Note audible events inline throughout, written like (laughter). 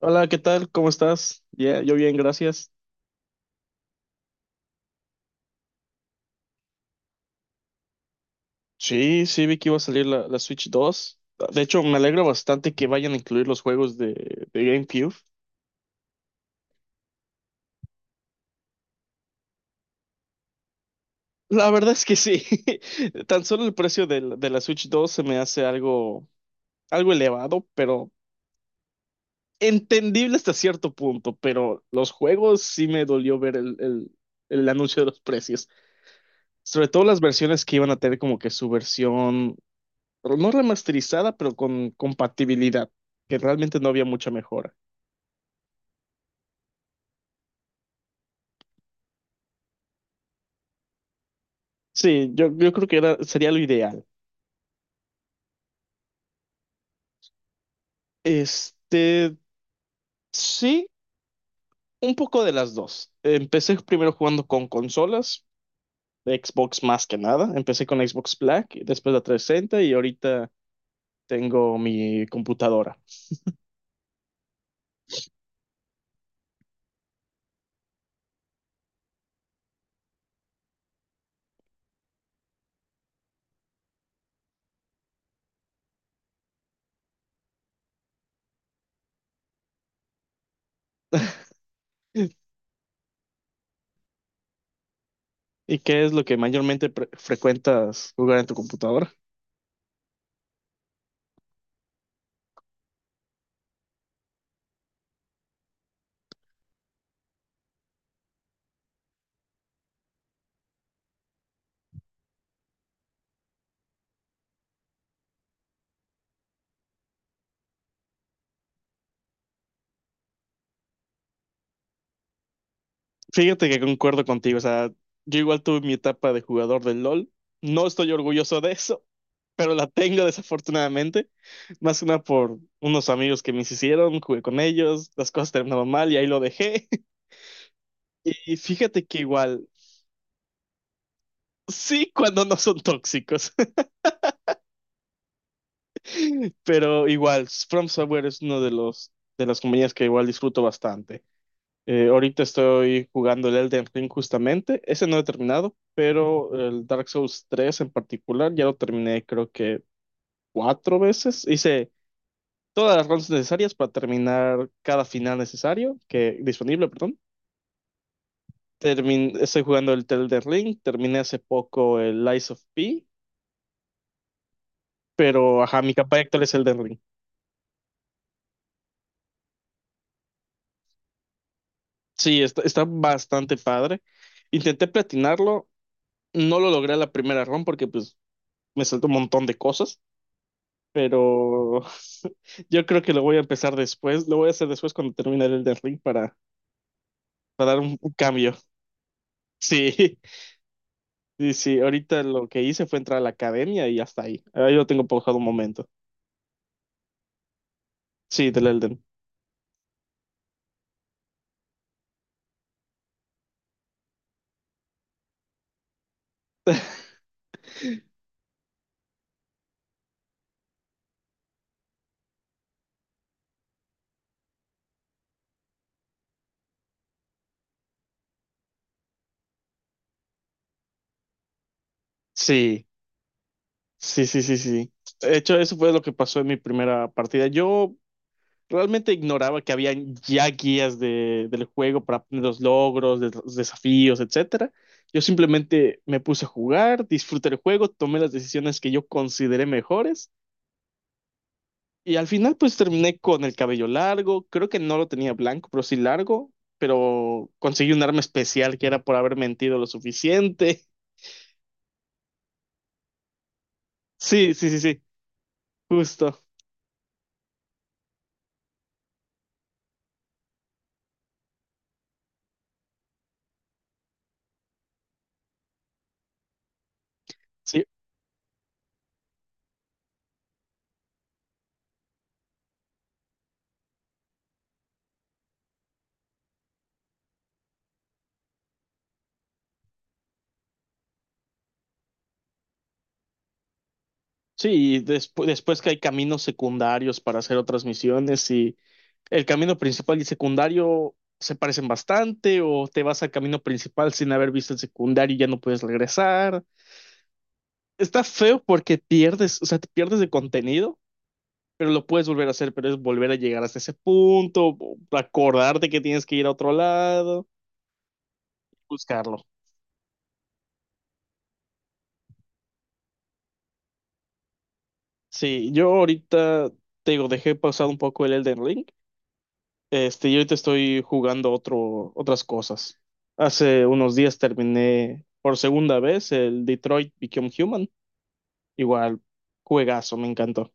Hola, ¿qué tal? ¿Cómo estás? Ya, yo bien, gracias. Sí, sí, vi que iba a salir la Switch 2. De hecho, me alegra bastante que vayan a incluir los juegos de GameCube. La verdad es que sí. (laughs) Tan solo el precio de, de la Switch 2 se me hace algo, algo elevado, pero entendible hasta cierto punto. Pero los juegos sí me dolió ver el anuncio de los precios. Sobre todo las versiones que iban a tener como que su versión, pero no remasterizada, pero con compatibilidad, que realmente no había mucha mejora. Sí, yo creo que era, sería lo ideal. Este, sí, un poco de las dos. Empecé primero jugando con consolas, de Xbox más que nada. Empecé con Xbox Black, después la 360 y ahorita tengo mi computadora. (laughs) ¿Y qué es lo que mayormente frecuentas jugar en tu computadora? Fíjate que concuerdo contigo, o sea, yo igual tuve mi etapa de jugador del LOL. No estoy orgulloso de eso, pero la tengo desafortunadamente. Más una por unos amigos que me hicieron, jugué con ellos, las cosas terminaron mal y ahí lo dejé. (laughs) Y fíjate que igual, sí cuando no son tóxicos. (laughs) Pero igual, From Software es uno de los de las compañías que igual disfruto bastante. Ahorita estoy jugando el Elden Ring justamente, ese no he terminado, pero el Dark Souls tres en particular ya lo terminé creo que cuatro veces. Hice todas las rondas necesarias para terminar cada final necesario, que disponible, perdón. Estoy jugando el Tel Ring, terminé hace poco el Lies of P, pero ajá, mi capa actual es el de Ring. Sí, está, está bastante padre. Intenté platinarlo, no lo logré a la primera run porque pues me saltó un montón de cosas, pero (laughs) yo creo que lo voy a empezar después, lo voy a hacer después cuando termine el Elden Ring para dar un cambio. Sí, sí, sí, ahorita lo que hice fue entrar a la academia y hasta ahí. Ahí lo tengo pausado un momento. Sí, del Elden. (laughs) Sí, sí, sí, sí, sí. De hecho, eso fue lo que pasó en mi primera partida. Yo realmente ignoraba que había ya guías de, del juego para obtener los logros, los desafíos, etcétera. Yo simplemente me puse a jugar, disfruté el juego, tomé las decisiones que yo consideré mejores. Y al final pues terminé con el cabello largo, creo que no lo tenía blanco, pero sí largo, pero conseguí un arma especial que era por haber mentido lo suficiente. (laughs) Sí, sí, sí, sí, justo. Sí, sí, y después que hay caminos secundarios para hacer otras misiones y el camino principal y secundario se parecen bastante o te vas al camino principal sin haber visto el secundario y ya no puedes regresar. Está feo porque pierdes, o sea, te pierdes de contenido, pero lo puedes volver a hacer, pero es volver a llegar hasta ese punto, acordarte que tienes que ir a otro lado, buscarlo. Sí, yo ahorita, te digo, dejé pausado un poco el Elden Ring. Este, yo ahorita estoy jugando otro, otras cosas. Hace unos días terminé por segunda vez el Detroit Become Human. Igual, juegazo, me encantó.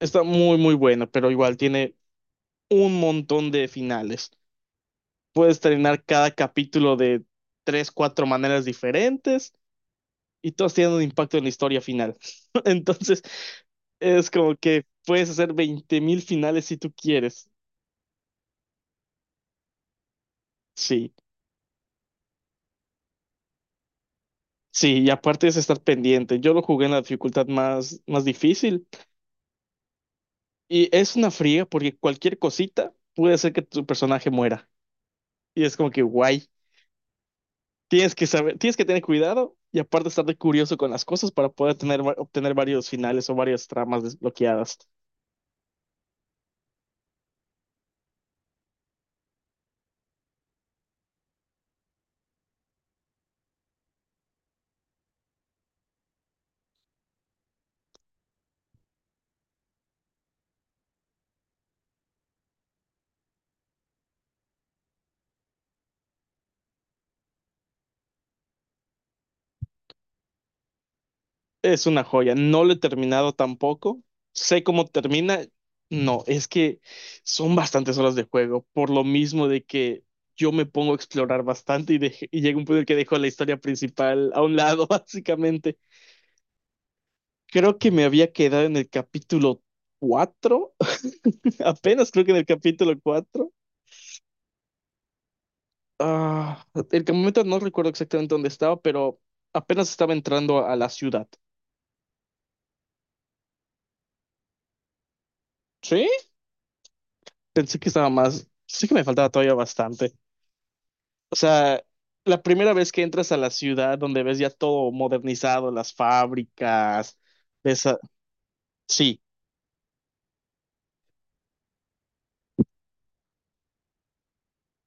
Está muy, muy bueno, pero igual tiene un montón de finales. Puedes terminar cada capítulo de tres, cuatro maneras diferentes y todos tienen un impacto en la historia final. (laughs) Entonces, es como que puedes hacer 20.000 finales si tú quieres. Sí, sí, y aparte es estar pendiente. Yo lo jugué en la dificultad más, más difícil y es una fría porque cualquier cosita puede hacer que tu personaje muera. Y es como que guay. Tienes que saber, tienes que tener cuidado y aparte estar de curioso con las cosas para poder tener, obtener varios finales o varias tramas desbloqueadas. Es una joya. No lo he terminado tampoco. Sé cómo termina. No, es que son bastantes horas de juego, por lo mismo de que yo me pongo a explorar bastante y, y llega un punto en el que dejo la historia principal a un lado, (laughs) básicamente. Creo que me había quedado en el capítulo cuatro. (laughs) Apenas creo que en el capítulo cuatro. Ah, el momento no recuerdo exactamente dónde estaba, pero apenas estaba entrando a la ciudad. Sí, pensé que estaba más, sí que me faltaba todavía bastante. O sea, la primera vez que entras a la ciudad donde ves ya todo modernizado, las fábricas, esa... Sí,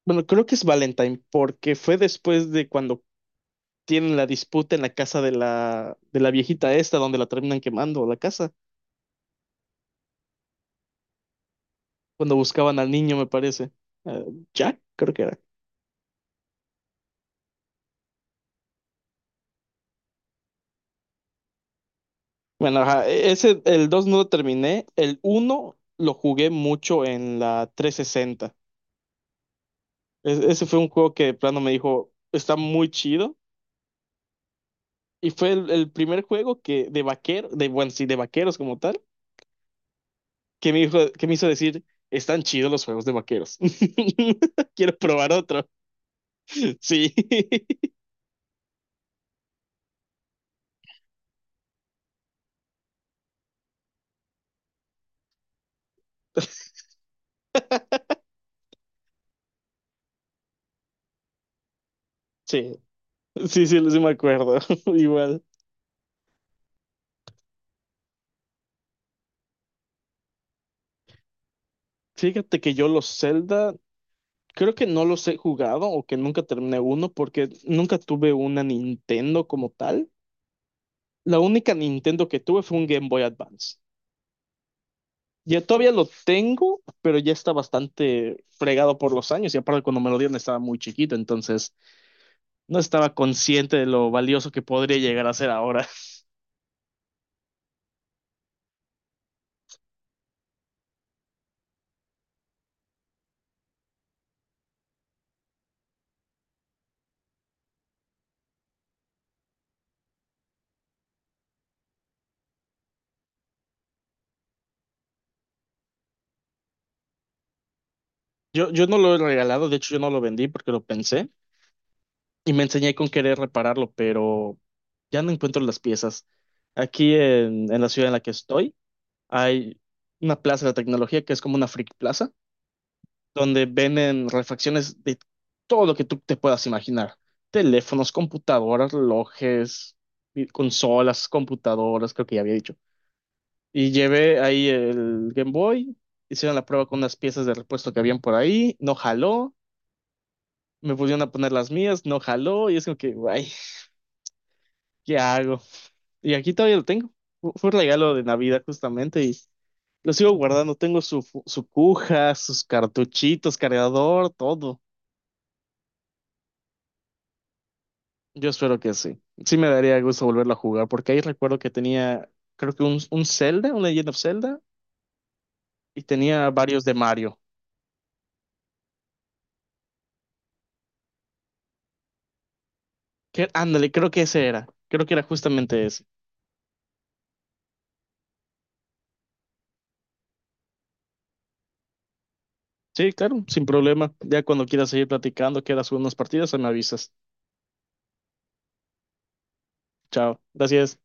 bueno, creo que es Valentine porque fue después de cuando tienen la disputa en la casa de la viejita esta donde la terminan quemando la casa, cuando buscaban al niño, me parece. Eh, Jack, creo que era. Bueno, ajá, ese, el 2 no lo terminé, el uno lo jugué mucho en la 360. Ese fue un juego que de plano me dijo, está muy chido. Y fue el primer juego que de vaquero, de, bueno, sí, de vaqueros como tal, que me hizo decir, están chidos los juegos de vaqueros. (laughs) Quiero probar otro. Sí. (laughs) Sí, sí, sí, sí me acuerdo. (laughs) Igual. Fíjate que yo los Zelda, creo que no los he jugado o que nunca terminé uno porque nunca tuve una Nintendo como tal. La única Nintendo que tuve fue un Game Boy Advance. Yo todavía lo tengo, pero ya está bastante fregado por los años y aparte cuando me lo dieron estaba muy chiquito, entonces no estaba consciente de lo valioso que podría llegar a ser ahora. (laughs) Yo no lo he regalado, de hecho yo no lo vendí porque lo pensé y me enseñé con querer repararlo, pero ya no encuentro las piezas. Aquí en la ciudad en la que estoy hay una plaza de la tecnología que es como una freak plaza donde venden refacciones de todo lo que tú te puedas imaginar. Teléfonos, computadoras, relojes, y consolas, computadoras, creo que ya había dicho. Y llevé ahí el Game Boy, hicieron la prueba con unas piezas de repuesto que habían por ahí, no jaló, me pusieron a poner las mías, no jaló, y es como que, ay, ¿qué hago? Y aquí todavía lo tengo. Fue un regalo de Navidad justamente y lo sigo guardando. Tengo su, su cuja, sus cartuchitos, cargador, todo. Yo espero que sí. Sí me daría gusto volverlo a jugar, porque ahí recuerdo que tenía, creo que un Zelda, un Legend of Zelda, y tenía varios de Mario. Que, ándale, creo que ese era. Creo que era justamente ese. Sí, claro, sin problema. Ya cuando quieras seguir platicando, quieras unas partidas, me avisas. Chao. Gracias.